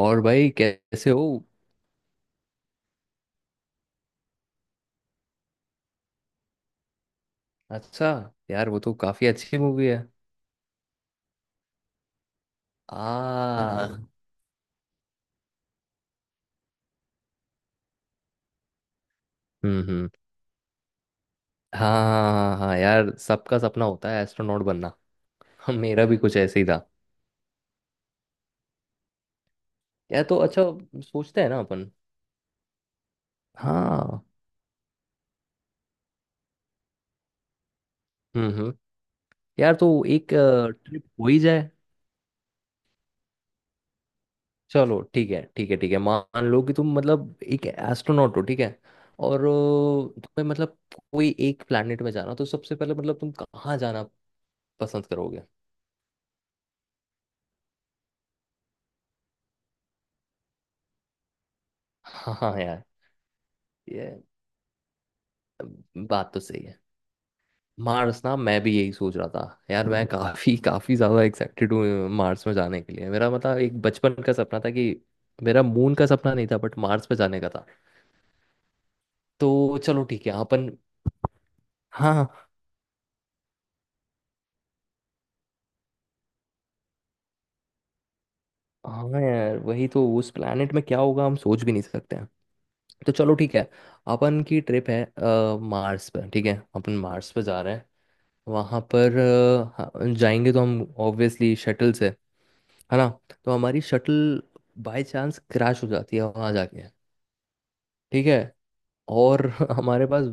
और भाई कैसे हो। अच्छा। यार वो तो काफी अच्छी मूवी है। आ हाँ। हम्म। हाँ हाँ हाँ, यार सबका सपना होता है एस्ट्रोनॉट बनना। हाँ, मेरा भी कुछ ऐसे ही था। यार तो अच्छा सोचते हैं ना अपन। हाँ। हम्म। यार तो एक ट्रिप हो ही जाए। चलो ठीक है, ठीक है, ठीक है, मान लो कि तुम मतलब एक एस्ट्रोनॉट हो, ठीक है। और तुम्हें मतलब कोई एक प्लेनेट में जाना तो सबसे पहले मतलब तुम कहाँ जाना पसंद करोगे? हाँ हाँ, यार बात तो सही है। मार्स ना, मैं भी यही सोच रहा था। यार मैं काफी काफी ज्यादा एक्साइटेड हूँ मार्स में जाने के लिए, मेरा मतलब एक बचपन का सपना था कि मेरा मून का सपना नहीं था बट मार्स पे जाने का था। तो चलो ठीक है अपन। हाँ हाँ, यार वही तो, उस प्लेनेट में क्या होगा हम सोच भी नहीं सकते हैं। तो चलो ठीक है, अपन की ट्रिप है मार्स पर, ठीक है, अपन मार्स पर जा रहे हैं। वहाँ पर हाँ, जाएंगे तो हम ऑब्वियसली शटल से। है ना। तो हमारी शटल बाय चांस क्रैश हो जाती है वहां जाके। ठीक है। और हमारे पास,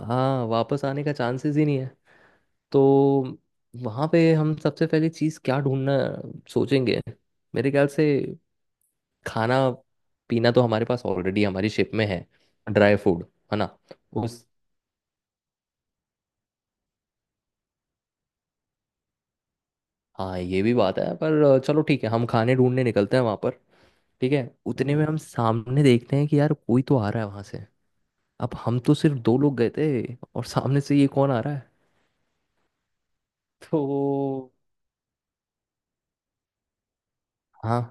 हाँ, वापस आने का चांसेस ही नहीं है। तो वहां पे हम सबसे पहले चीज क्या ढूंढना सोचेंगे? मेरे ख्याल से खाना पीना तो हमारे पास ऑलरेडी हमारी शिप में है। ड्राई फूड है ना। उस हाँ ये भी बात है, पर चलो ठीक है हम खाने ढूंढने निकलते हैं वहां पर। ठीक है। उतने में हम सामने देखते हैं कि यार कोई तो आ रहा है वहां से। अब हम तो सिर्फ दो लोग गए थे, और सामने से ये कौन आ रहा है? तो हाँ,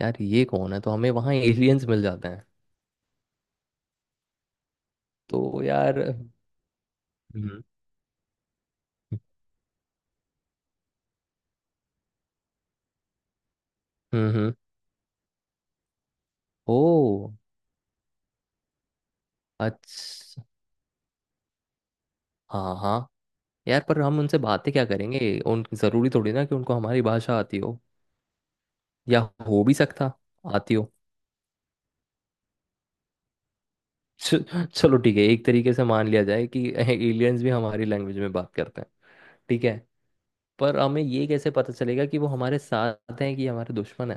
यार ये कौन है, तो हमें वहाँ एलियंस मिल जाते हैं। तो यार। हम्म हम्म हम्म। ओ। अच्छा। हाँ हाँ, यार पर हम उनसे बातें क्या करेंगे? उन जरूरी थोड़ी ना कि उनको हमारी भाषा आती हो, या हो भी सकता आती हो। च- चलो ठीक है, एक तरीके से मान लिया जाए कि एलियंस भी हमारी लैंग्वेज में बात करते हैं। ठीक है। पर हमें ये कैसे पता चलेगा कि वो हमारे साथ हैं कि हमारे दुश्मन?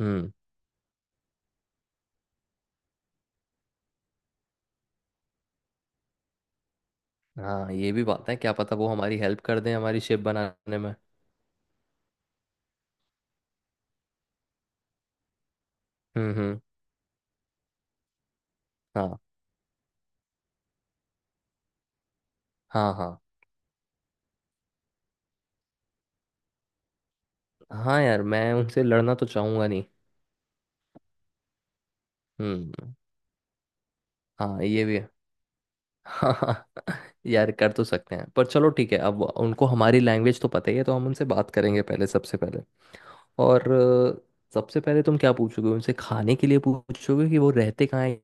हम्म। हाँ ये भी बात है, क्या पता वो हमारी हेल्प कर दें हमारी शिप बनाने में। हम्म। हाँ हाँ हाँ हाँ। यार मैं उनसे लड़ना तो चाहूंगा नहीं। हम्म। हाँ ये भी है। हाँ हाँ, यार कर तो सकते हैं, पर चलो ठीक है, अब उनको हमारी लैंग्वेज तो पता ही है तो हम उनसे बात करेंगे पहले, सबसे पहले। और सबसे पहले तुम क्या पूछोगे उनसे? खाने के लिए पूछोगे कि वो रहते कहाँ हैं,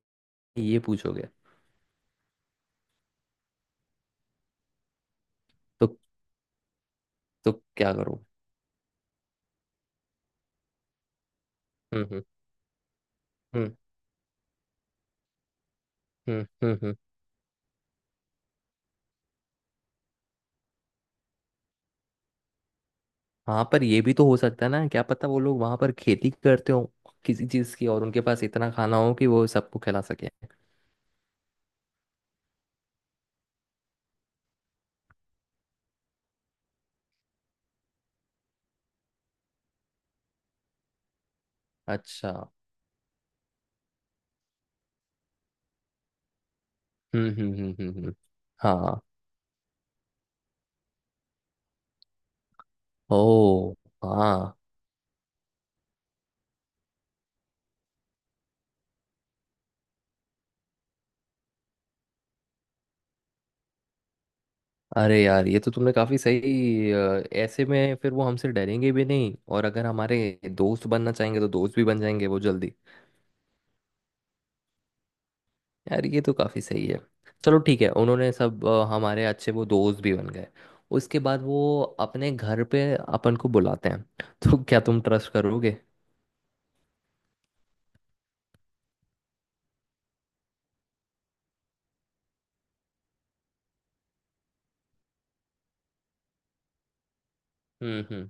ये पूछोगे? तो तो क्या करो? हम्म हम्म हम्म हम्म। हाँ, पर ये भी तो हो सकता है ना, क्या पता वो लोग वहां पर खेती करते हो किसी चीज की, और उनके पास इतना खाना हो कि वो सबको खिला सके। अच्छा। हम्म हम्म हम्म हम्म हम्म। हाँ। ओ। हाँ। अरे यार, ये तो तुमने काफी सही, ऐसे में फिर वो हमसे डरेंगे भी नहीं और अगर हमारे दोस्त बनना चाहेंगे तो दोस्त भी बन जाएंगे वो जल्दी। यार ये तो काफ़ी सही है। चलो ठीक है, उन्होंने सब हमारे अच्छे वो दोस्त भी बन गए। उसके बाद वो अपने घर पे अपन को बुलाते हैं, तो क्या तुम ट्रस्ट करोगे? हम्म हम्म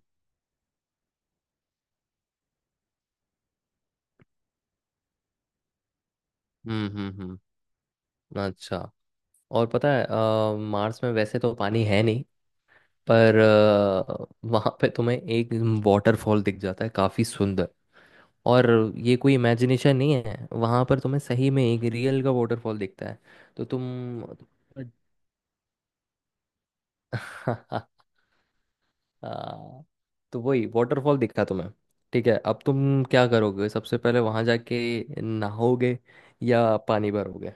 हम्म हम्म हम्म, अच्छा। और पता है, मार्स में वैसे तो पानी है नहीं, पर वहाँ पे तुम्हें एक वाटरफॉल दिख जाता है काफ़ी सुंदर। और ये कोई इमेजिनेशन नहीं है, वहाँ पर तुम्हें सही में एक रियल का वाटरफॉल दिखता है, तो तुम... हाँ, तो वही वाटरफॉल दिखा तुम्हें। ठीक है, अब तुम क्या करोगे सबसे पहले वहां जाके? नहाओगे या पानी भरोगे?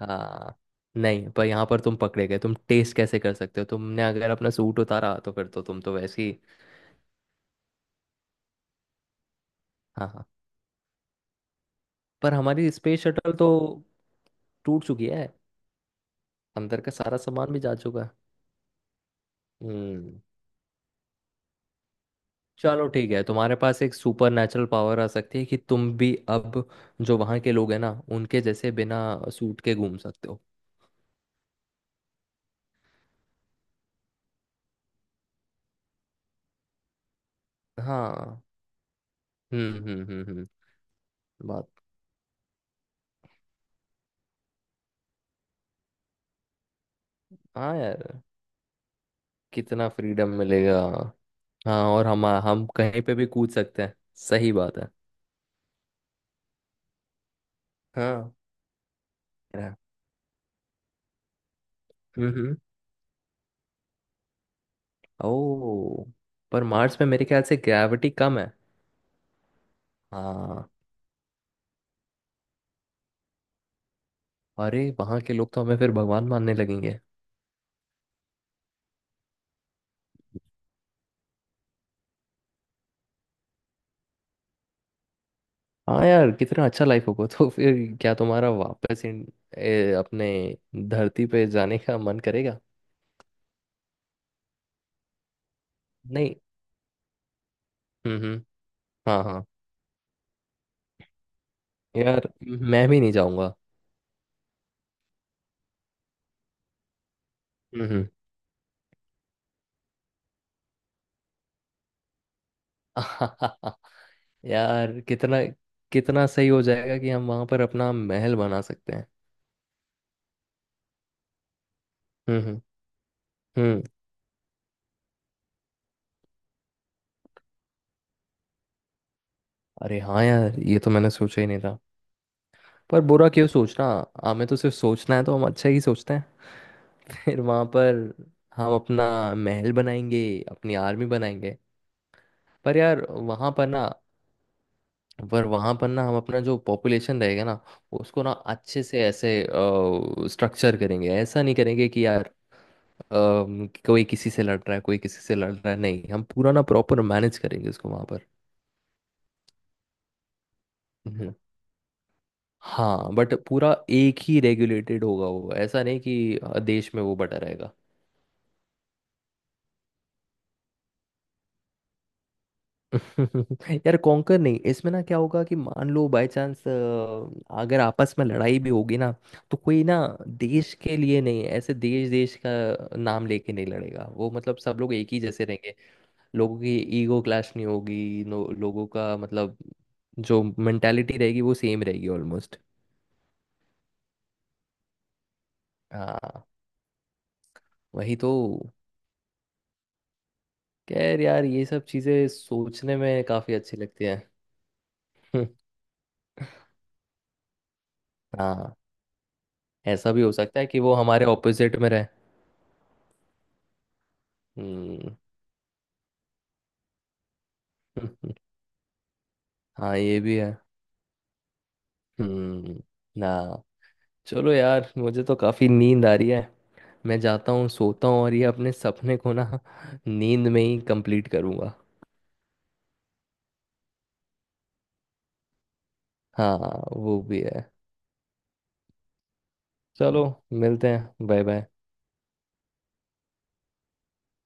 हाँ। नहीं, पर यहाँ पर तुम पकड़े गए, तुम टेस्ट कैसे कर सकते हो? तुमने अगर अपना सूट उतारा तो फिर तो तुम तो वैसे ही... हाँ हाँ, पर हमारी स्पेस शटल तो टूट चुकी है। अंदर का सारा सामान भी जा चुका है। हम्म। चलो ठीक है, तुम्हारे पास एक सुपर नेचुरल पावर आ सकती है कि तुम भी अब जो वहाँ के लोग हैं ना, उनके जैसे बिना सूट के घूम सकते हो। हाँ। हम्म। बात हाँ यार, कितना फ्रीडम मिलेगा। हाँ, और हम कहीं पे भी कूद सकते हैं। सही बात है। हाँ। है। हम्म। ओ। पर मार्स में मेरे ख्याल से ग्रेविटी कम है। हाँ। अरे वहाँ के लोग तो हमें फिर भगवान मानने लगेंगे। हाँ यार, कितना अच्छा लाइफ होगा तो फिर। क्या तुम्हारा वापस अपने धरती पे जाने का मन करेगा? नहीं। हम्म। हाँ हाँ, यार मैं भी नहीं जाऊंगा। हम्म। यार कितना कितना सही हो जाएगा कि हम वहां पर अपना महल बना सकते हैं। हम्म हम्म हम्म। अरे हाँ यार, ये तो मैंने सोचा ही नहीं था। पर बुरा क्यों सोचना। हमें तो सिर्फ सोचना है, तो हम अच्छा ही सोचते हैं। फिर वहां पर हम अपना महल बनाएंगे, अपनी आर्मी बनाएंगे। पर यार वहां पर ना पर वहां पर ना, हम अपना जो पॉपुलेशन रहेगा ना, उसको ना अच्छे से ऐसे स्ट्रक्चर करेंगे। ऐसा नहीं करेंगे कि यार कोई किसी से लड़ रहा है, कोई किसी से लड़ रहा है। नहीं, हम पूरा ना प्रॉपर मैनेज करेंगे उसको वहां पर। हम्म, हाँ बट पूरा एक ही रेगुलेटेड होगा वो, ऐसा नहीं कि देश में वो बटा रहेगा। यार कॉन्कर नहीं, इसमें ना क्या होगा कि मान लो बाय चांस अगर आपस में लड़ाई भी होगी ना, तो कोई ना देश के लिए नहीं, ऐसे देश देश का नाम लेके नहीं लड़ेगा वो, मतलब सब लोग एक ही जैसे लोगों की ईगो क्लैश नहीं होगी, लोगों का मतलब जो मेंटालिटी रहेगी वो सेम रहेगी ऑलमोस्ट। हाँ वही तो। खैर यार, ये सब चीज़ें सोचने में काफ़ी अच्छी लगती हैं। हाँ। ऐसा भी हो सकता है कि वो हमारे ऑपोजिट में रहे। हम्म। हाँ ये भी है। हम्म। ना। चलो यार, मुझे तो काफ़ी नींद आ रही है। मैं जाता हूँ, सोता हूँ, और ये अपने सपने को ना नींद में ही कंप्लीट करूँगा। हाँ, वो भी है। चलो, मिलते हैं, बाय बाय।